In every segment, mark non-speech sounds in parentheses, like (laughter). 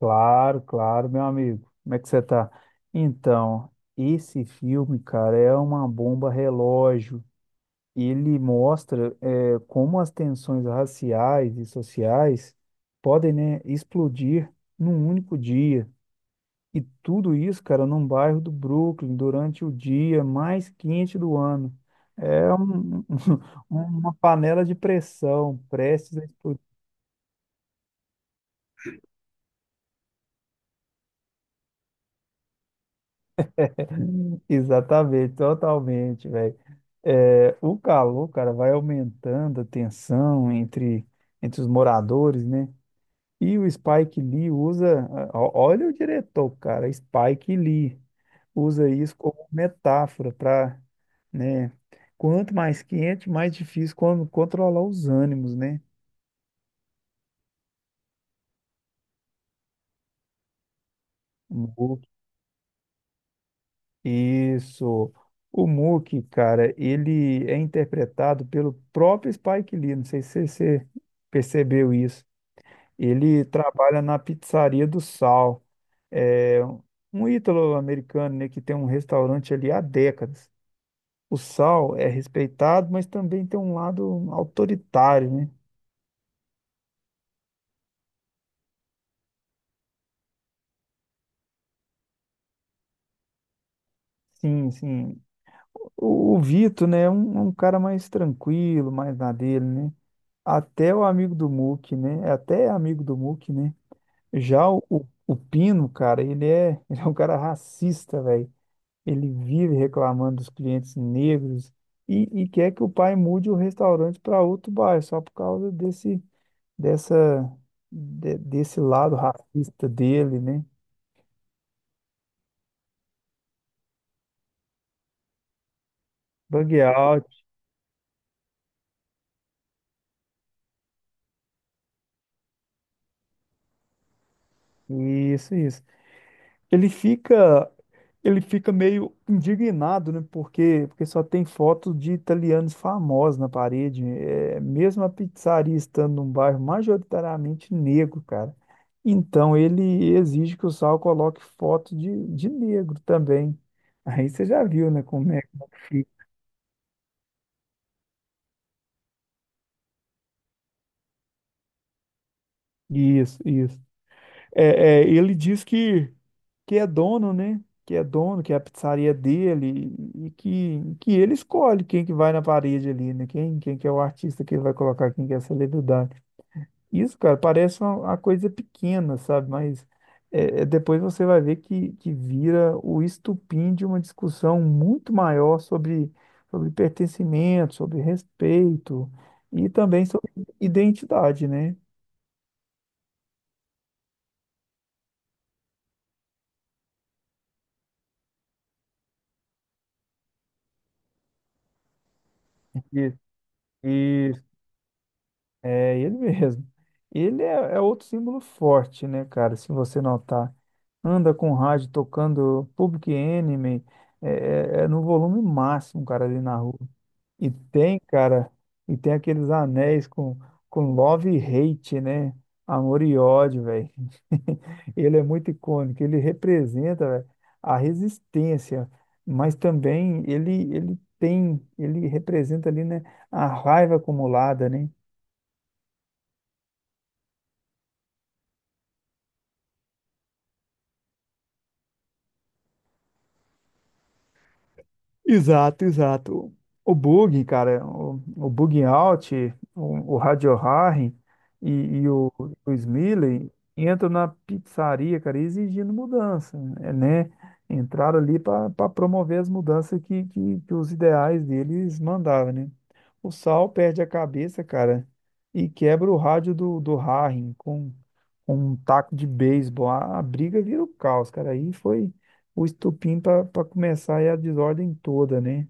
Claro, claro, meu amigo. Como é que você tá? Então, esse filme, cara, é uma bomba relógio. Ele mostra, como as tensões raciais e sociais podem, né, explodir num único dia. E tudo isso, cara, num bairro do Brooklyn, durante o dia mais quente do ano. É um- (laughs) uma panela de pressão prestes a explodir. Exatamente, totalmente, velho. É, o calor, cara, vai aumentando a tensão entre os moradores, né? E o Spike Lee usa, ó- olha o diretor, cara, Spike Lee usa isso como metáfora para, né? Quanto mais quente, mais difícil controlar os ânimos, né? Isso. O Mookie, cara, ele é interpretado pelo próprio Spike Lee. Não sei se você percebeu isso. Ele trabalha na Pizzaria do Sal. É um ítalo-americano, né, que tem um restaurante ali há décadas. O Sal é respeitado, mas também tem um lado autoritário, né? Sim, sim. O Vito, né, é um cara mais tranquilo, mais na dele, né? Até o amigo do Mookie, né? Até é amigo do Mookie, né? Já o Pino, cara, (laughs) ele é um cara racista, velho. Ele vive reclamando dos clientes negros e quer que o pai mude o restaurante para outro bairro, só por causa dessa, desse lado racista dele, né? Bug out, isso, isso. Ele fica, ele fica meio indignado, né? Porque só tem foto de italianos famosos na parede. É, mesmo a pizzaria estando num bairro majoritariamente negro, cara. Então ele exige que o Sal coloque foto de negro também. Aí você já viu, né? Como é que fica. Isso, isso. Ele diz que é dono, né? Que é dono, que é a pizzaria dele e que ele escolhe quem que vai na parede ali, né? Quem que é o artista que ele vai colocar, quem que é a celebridade. Isso, cara, parece uma coisa pequena, sabe? Mas depois você vai ver que vira o estupim de uma discussão muito maior sobre pertencimento, sobre respeito e também sobre identidade, né? Isso. É ele mesmo. É outro símbolo forte, né, cara? Se você notar, anda com o rádio tocando Public Enemy, é, é no volume máximo, cara, ali na rua. E tem, cara, e tem aqueles anéis com love e hate, né? Amor e ódio, velho. (laughs) Ele é muito icônico, ele representa, velho, a resistência, mas também ele tem, ele representa ali, né, a raiva acumulada, né? Exato, exato. O o bug out, o Radio Harry e o Smiley entram na pizzaria, cara, exigindo mudança, é, né? Entraram ali para promover as mudanças que os ideais deles mandavam, né? O Sal perde a cabeça, cara, e quebra o rádio do Harry com um taco de beisebol. A briga vira o caos, cara. Aí foi o estupim para começar é a desordem toda, né?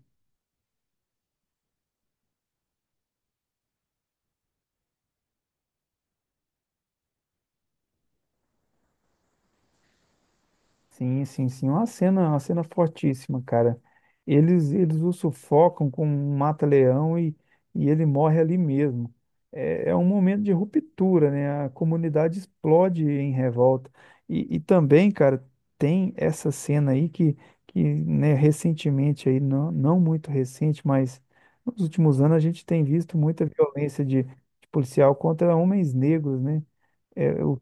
Sim, sim, sim. Uma cena fortíssima, cara. Eles o sufocam com um mata-leão e ele morre ali mesmo. É, é um momento de ruptura, né? A comunidade explode em revolta. E também, cara, tem essa cena aí que, recentemente aí, não muito recente, mas nos últimos anos a gente tem visto muita violência de policial contra homens negros, né? É, o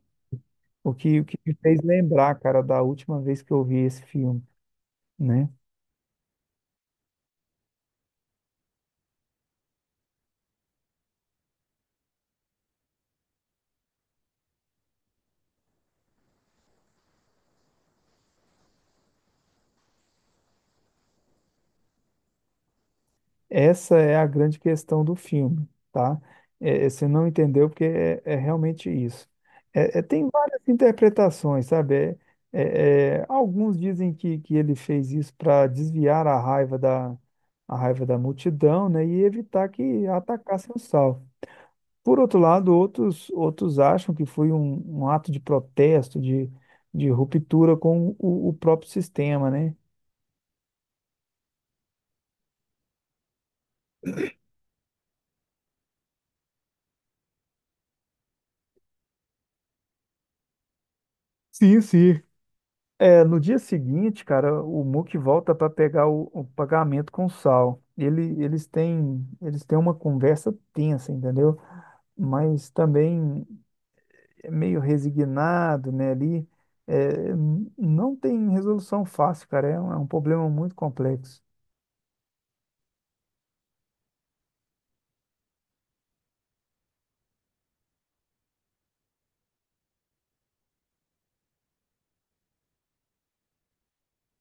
O que me fez lembrar, cara, da última vez que eu vi esse filme, né? Essa é a grande questão do filme, tá? Você não entendeu porque é realmente isso. Tem várias interpretações, sabe? É, alguns dizem que ele fez isso para desviar a raiva a raiva da multidão, né? E evitar que atacassem o Saul. Por outro lado, outros acham que foi um ato de protesto, de ruptura com o próprio sistema, né? Sim, sim. É, no dia seguinte, cara, o Muk volta para pegar o pagamento com o Sal. Eles têm uma conversa tensa, entendeu? Mas também é meio resignado, né, ali. É, não tem resolução fácil, cara. É um problema muito complexo.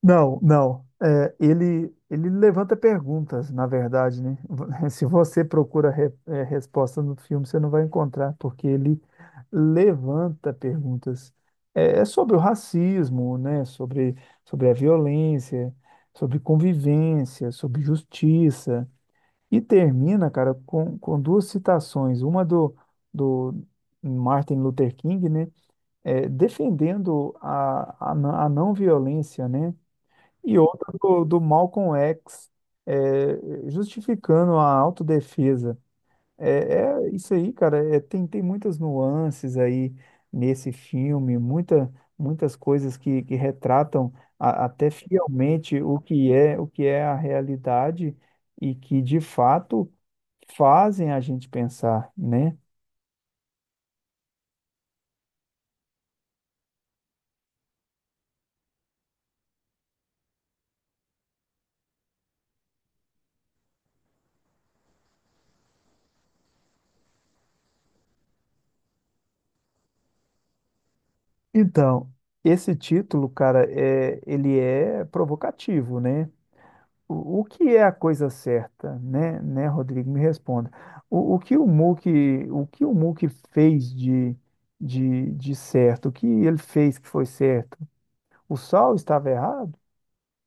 Não, não. Ele levanta perguntas, na verdade, né? (laughs) Se você procura resposta no filme, você não vai encontrar, porque ele levanta perguntas. É sobre o racismo, né? Sobre a violência, sobre convivência, sobre justiça. E termina, cara, com duas citações. Uma do Martin Luther King, né? É, defendendo a não violência, né? E outra do Malcolm X, é, justificando a autodefesa. É, é isso aí, cara. Tem muitas nuances aí nesse filme, muitas coisas que retratam até fielmente o que é a realidade e que de fato fazem a gente pensar, né? Então, esse título, cara, ele é provocativo, né? O que é a coisa certa, né, Rodrigo? Me responda. O, o que o Muk, o que o Muk fez de certo? O que ele fez que foi certo? O Sol estava errado?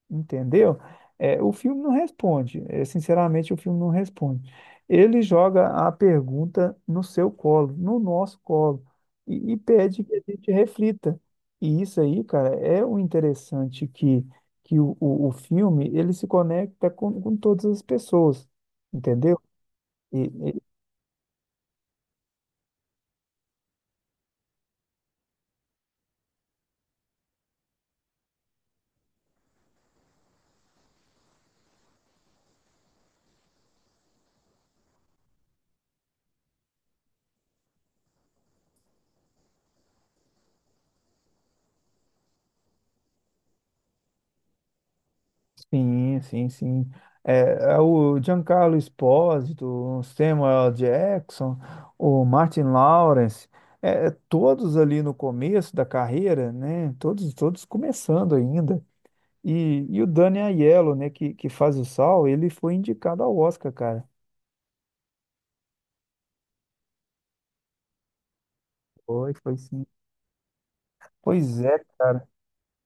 Entendeu? É, o filme não responde. É, sinceramente, o filme não responde. Ele joga a pergunta no seu colo, no nosso colo, e pede que a gente reflita. E isso aí, cara, é o interessante que o filme ele se conecta com todas as pessoas, entendeu? Sim, sim, sim. É o Giancarlo Esposito, o Samuel Jackson, o Martin Lawrence, é todos ali no começo da carreira, né? Todos começando ainda. E o Danny Aiello, né, que faz o Saul, ele foi indicado ao Oscar, cara. Foi, foi sim. Pois é, cara.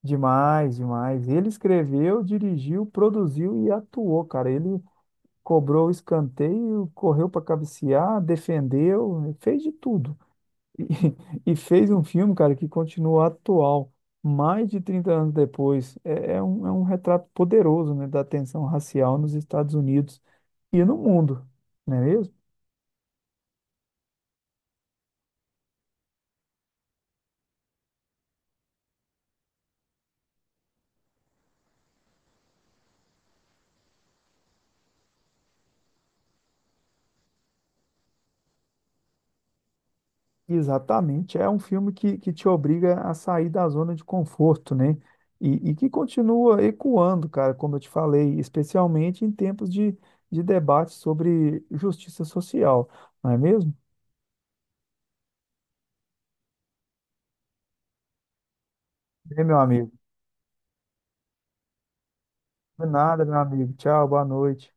Demais, demais. Ele escreveu, dirigiu, produziu e atuou, cara. Ele cobrou o escanteio, correu para cabecear, defendeu, fez de tudo. E (laughs) e fez um filme, cara, que continua atual, mais de 30 anos depois. É um retrato poderoso, né, da tensão racial nos Estados Unidos e no mundo, não é mesmo? Exatamente. É um filme que te obriga a sair da zona de conforto, né? E que continua ecoando, cara, como eu te falei, especialmente em tempos de debate sobre justiça social, não é mesmo? Bem, meu amigo. Não é nada, meu amigo. Tchau, boa noite.